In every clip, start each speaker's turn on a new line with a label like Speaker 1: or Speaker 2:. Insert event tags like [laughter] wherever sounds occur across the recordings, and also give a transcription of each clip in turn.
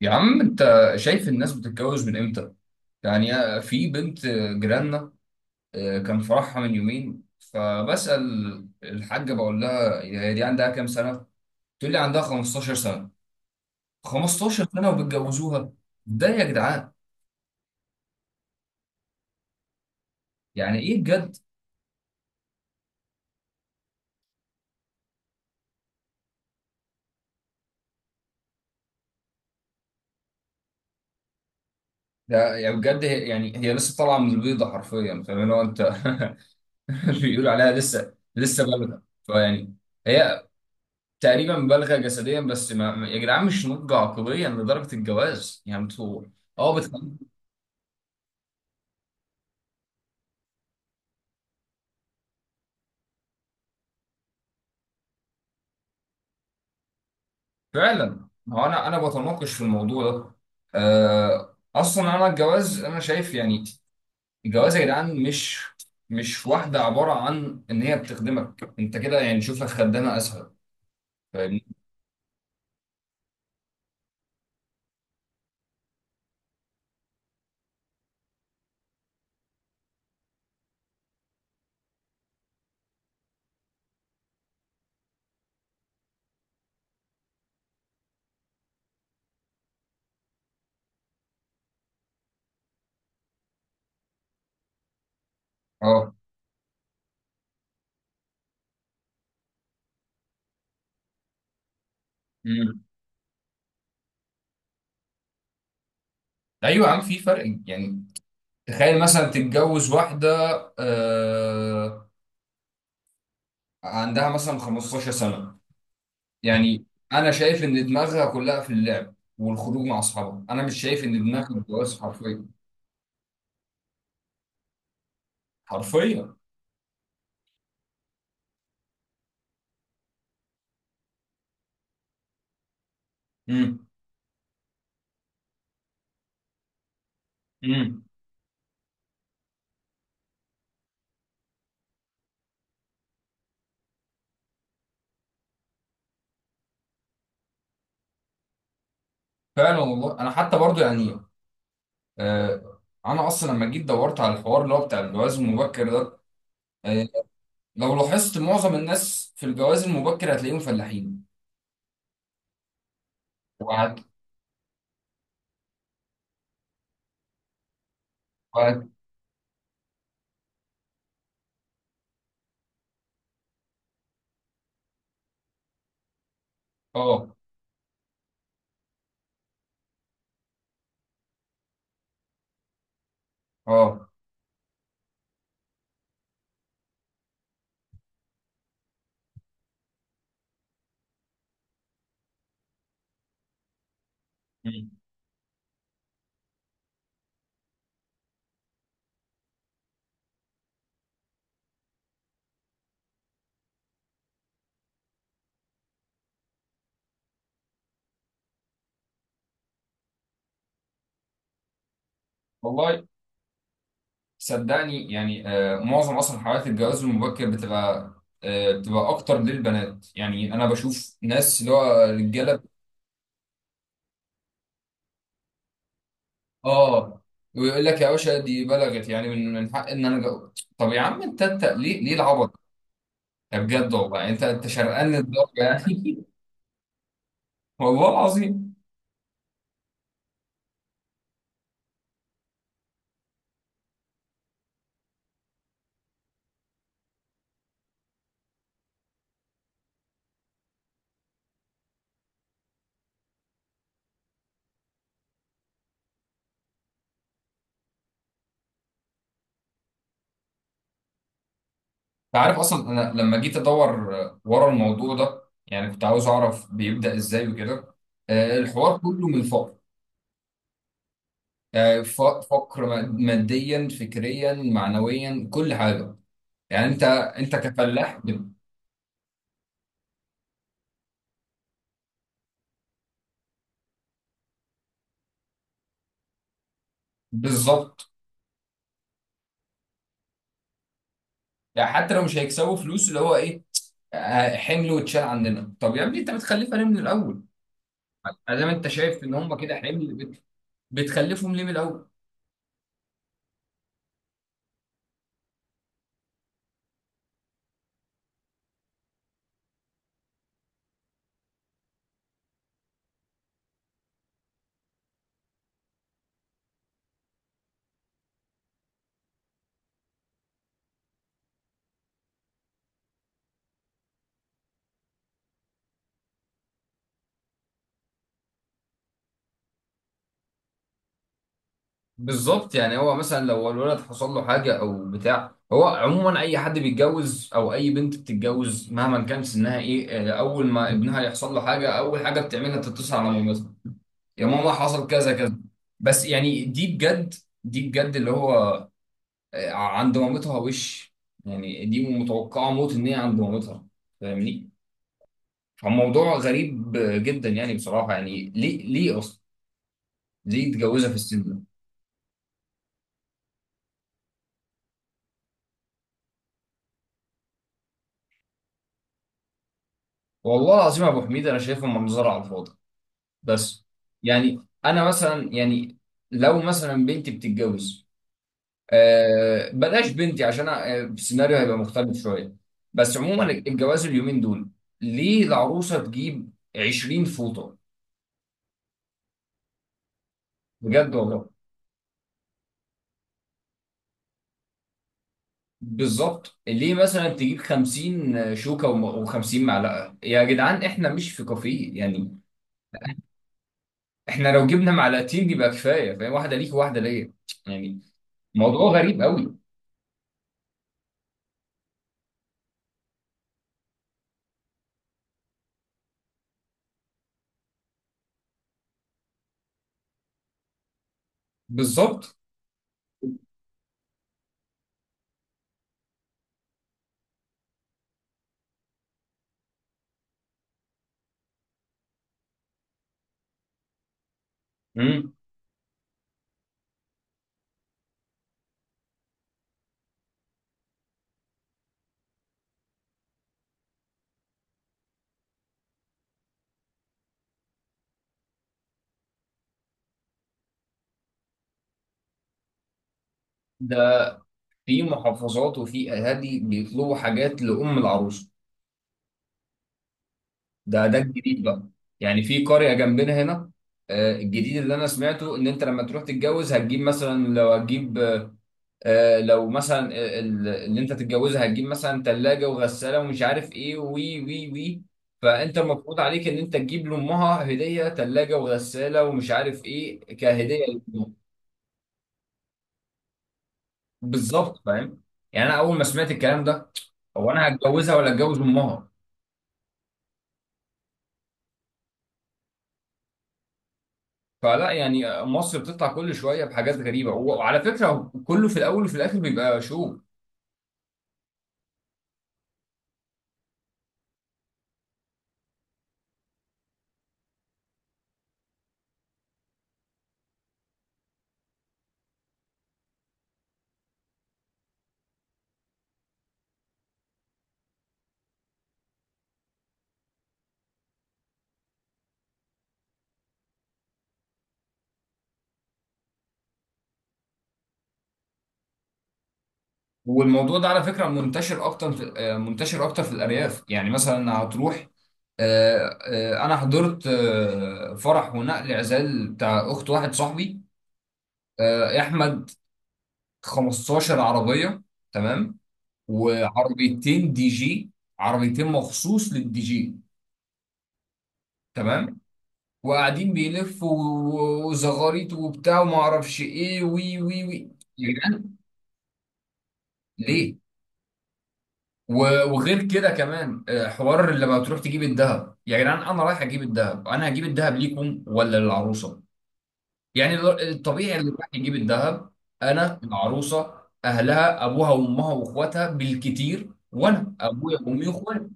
Speaker 1: يا عم انت شايف الناس بتتجوز من امتى؟ يعني في بنت جيراننا. كان فرحها من يومين فبسأل الحاجة بقول لها: هي دي عندها كام سنة؟ تقول لي: عندها 15 سنة. 15 سنة وبتجوزوها؟ ده يا جدعان يعني ايه بجد؟ ده يعني بجد، هي لسه طالعة من البيضة حرفيا، فاهم اللي هو انت؟ [laughs] بيقولوا عليها لسه لسه بالغة، فيعني هي تقريبا مبالغه جسديا بس يا جدعان مش نضج عقليا لدرجه الجواز، يعني انتوا اه بتخليك. فعلا، ما هو انا بتناقش في الموضوع ده. اصلا انا الجواز انا شايف يعني، الجواز يا جدعان مش واحده عباره عن ان هي بتخدمك انت كده، يعني شوف لك خدامه اسهل. فاهمني؟ اه. مم. ايوه يا عم، في فرق يعني. تخيل مثلا تتجوز واحده آه، عندها مثلا 15 سنه، يعني انا شايف ان دماغها كلها في اللعب والخروج مع اصحابها، انا مش شايف ان دماغها متجوزه حرفيا. حرفيا. امم. امم. فعلا والله. انا حتى برضو يعني آه انا اصلا لما جيت دورت على الحوار اللي هو بتاع الجواز المبكر ده، آه لو لاحظت معظم الناس في الجواز المبكر هتلاقيهم فلاحين. وهت وهت اه. اه. مم. والله صدقني، يعني معظم اصلا حالات الجواز المبكر بتبقى اكتر للبنات. يعني انا بشوف ناس اللي هو رجاله، اه، ويقول لك: يا باشا دي بلغت، يعني من حق ان انا جو... طب يا عم، انت ليه العبط ده بجد والله؟ يعني انت شرقان للدرجه يعني؟ [laughs] والله العظيم. انت عارف، اصلا انا لما جيت ادور ورا الموضوع ده يعني كنت عاوز اعرف بيبدا ازاي وكده. الحوار كله من الفقر. فقر ماديا، فكريا، معنويا، كل حاجه. يعني انت كفلاح بالظبط. يعني حتى لو مش هيكسبوا فلوس، اللي هو ايه، حمل واتشال عندنا. طب يا ابني انت بتخلفها ليه من الاول؟ ادام انت شايف ان هم كده حمل، بتخلفهم ليه من الاول؟ بالظبط. يعني هو مثلا لو الولد حصل له حاجه او بتاع، هو عموما اي حد بيتجوز او اي بنت بتتجوز مهما كان سنها، ايه، اول ما ابنها يحصل له حاجه اول حاجه بتعملها تتصل على مامتها: يا ماما حصل كذا كذا. بس يعني دي بجد، دي بجد اللي هو عند مامتها وش. يعني دي متوقعة موت ان هي عند مامتها، فاهمني؟ فالموضوع غريب جدا يعني بصراحة. يعني ليه اصلا ليه يتجوزها في السن ده؟ والله العظيم يا ابو حميد، انا شايفها منظرة على الفاضي بس. يعني انا مثلا يعني لو مثلا بنتي بتتجوز، بلاش بنتي عشان السيناريو هيبقى مختلف شويه. بس عموما الجواز اليومين دول، ليه العروسه تجيب 20 فوطه؟ بجد والله. بالظبط، ليه مثلا تجيب 50 شوكه و50 معلقه؟ يا جدعان احنا مش في كافيه يعني. احنا لو جبنا معلقتين يبقى كفايه، فاهم؟ واحده ليك وواحده ليا يعني. موضوع غريب قوي. بالظبط. مم. ده في محافظات وفي اهالي بيطلبوا حاجات لام العروسه. ده الجديد بقى. يعني في قرية جنبنا هنا، الجديد اللي انا سمعته ان انت لما تروح تتجوز هتجيب مثلا، لو هتجيب، لو مثلا اللي انت تتجوزها هتجيب مثلا ثلاجة وغسالة ومش عارف ايه، وي وي وي، فانت المفروض عليك ان انت تجيب لامها هدية ثلاجة وغسالة ومش عارف ايه، كهدية لأمها. بالظبط، فاهم؟ يعني انا اول ما سمعت الكلام ده: هو انا هتجوزها ولا اتجوز امها؟ فلا، يعني مصر بتطلع كل شويه بحاجات غريبه، وعلى فكره كله في الاول وفي الاخر بيبقى شو. والموضوع ده على فكره منتشر اكتر في الارياف. يعني مثلا هتروح، انا حضرت فرح ونقل عزال بتاع اخت واحد صاحبي، يا احمد، 15 عربيه، تمام، وعربيتين دي جي، عربيتين مخصوص للدي جي، تمام. وقاعدين بيلفوا وزغاريط وبتاع وما اعرفش ايه، وي وي وي، يا جدعان ليه؟ وغير كده كمان، حوار لما بتروح تجيب الذهب. يا جدعان انا رايح اجيب الذهب، انا هجيب الذهب ليكم ولا للعروسه؟ يعني الطبيعي اللي رايح يجيب الذهب، انا العروسه اهلها ابوها وامها واخواتها بالكتير، وانا ابويا وامي واخواتي.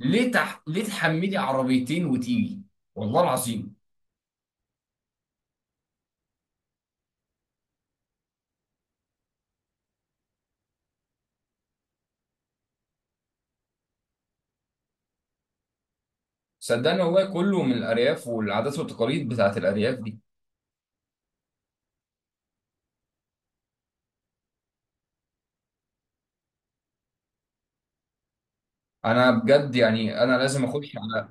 Speaker 1: ليه تحملي عربيتين وتيجي؟ والله العظيم. صدقني والله كله من الارياف والعادات والتقاليد بتاعت الارياف دي. انا بجد يعني انا لازم اخش على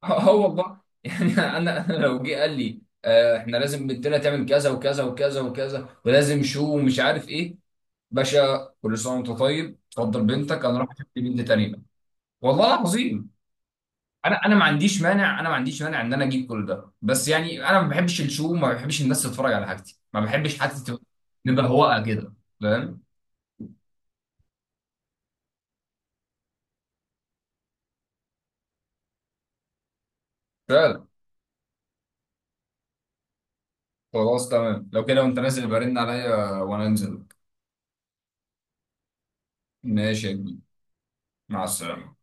Speaker 1: [laughs] اه والله يعني انا [laughs] انا لو جه قال لي: احنا لازم بنتنا تعمل كذا وكذا وكذا وكذا ولازم شو ومش عارف ايه، باشا كل سنه وانت طيب، اتفضل بنتك، انا راح اشوف لي بنت تانيه. والله العظيم. انا ما عنديش مانع، انا ما عنديش مانع ان انا اجيب كل ده، بس يعني انا ما بحبش الشو، ما بحبش الناس تتفرج على حاجتي، ما بحبش حد تبقى مبهوقه كده، فاهم؟ فعلا. خلاص تمام، لو كده وانت نازل يبقى رن عليا وانا انزل. ماشي يا كبير. مع السلامه.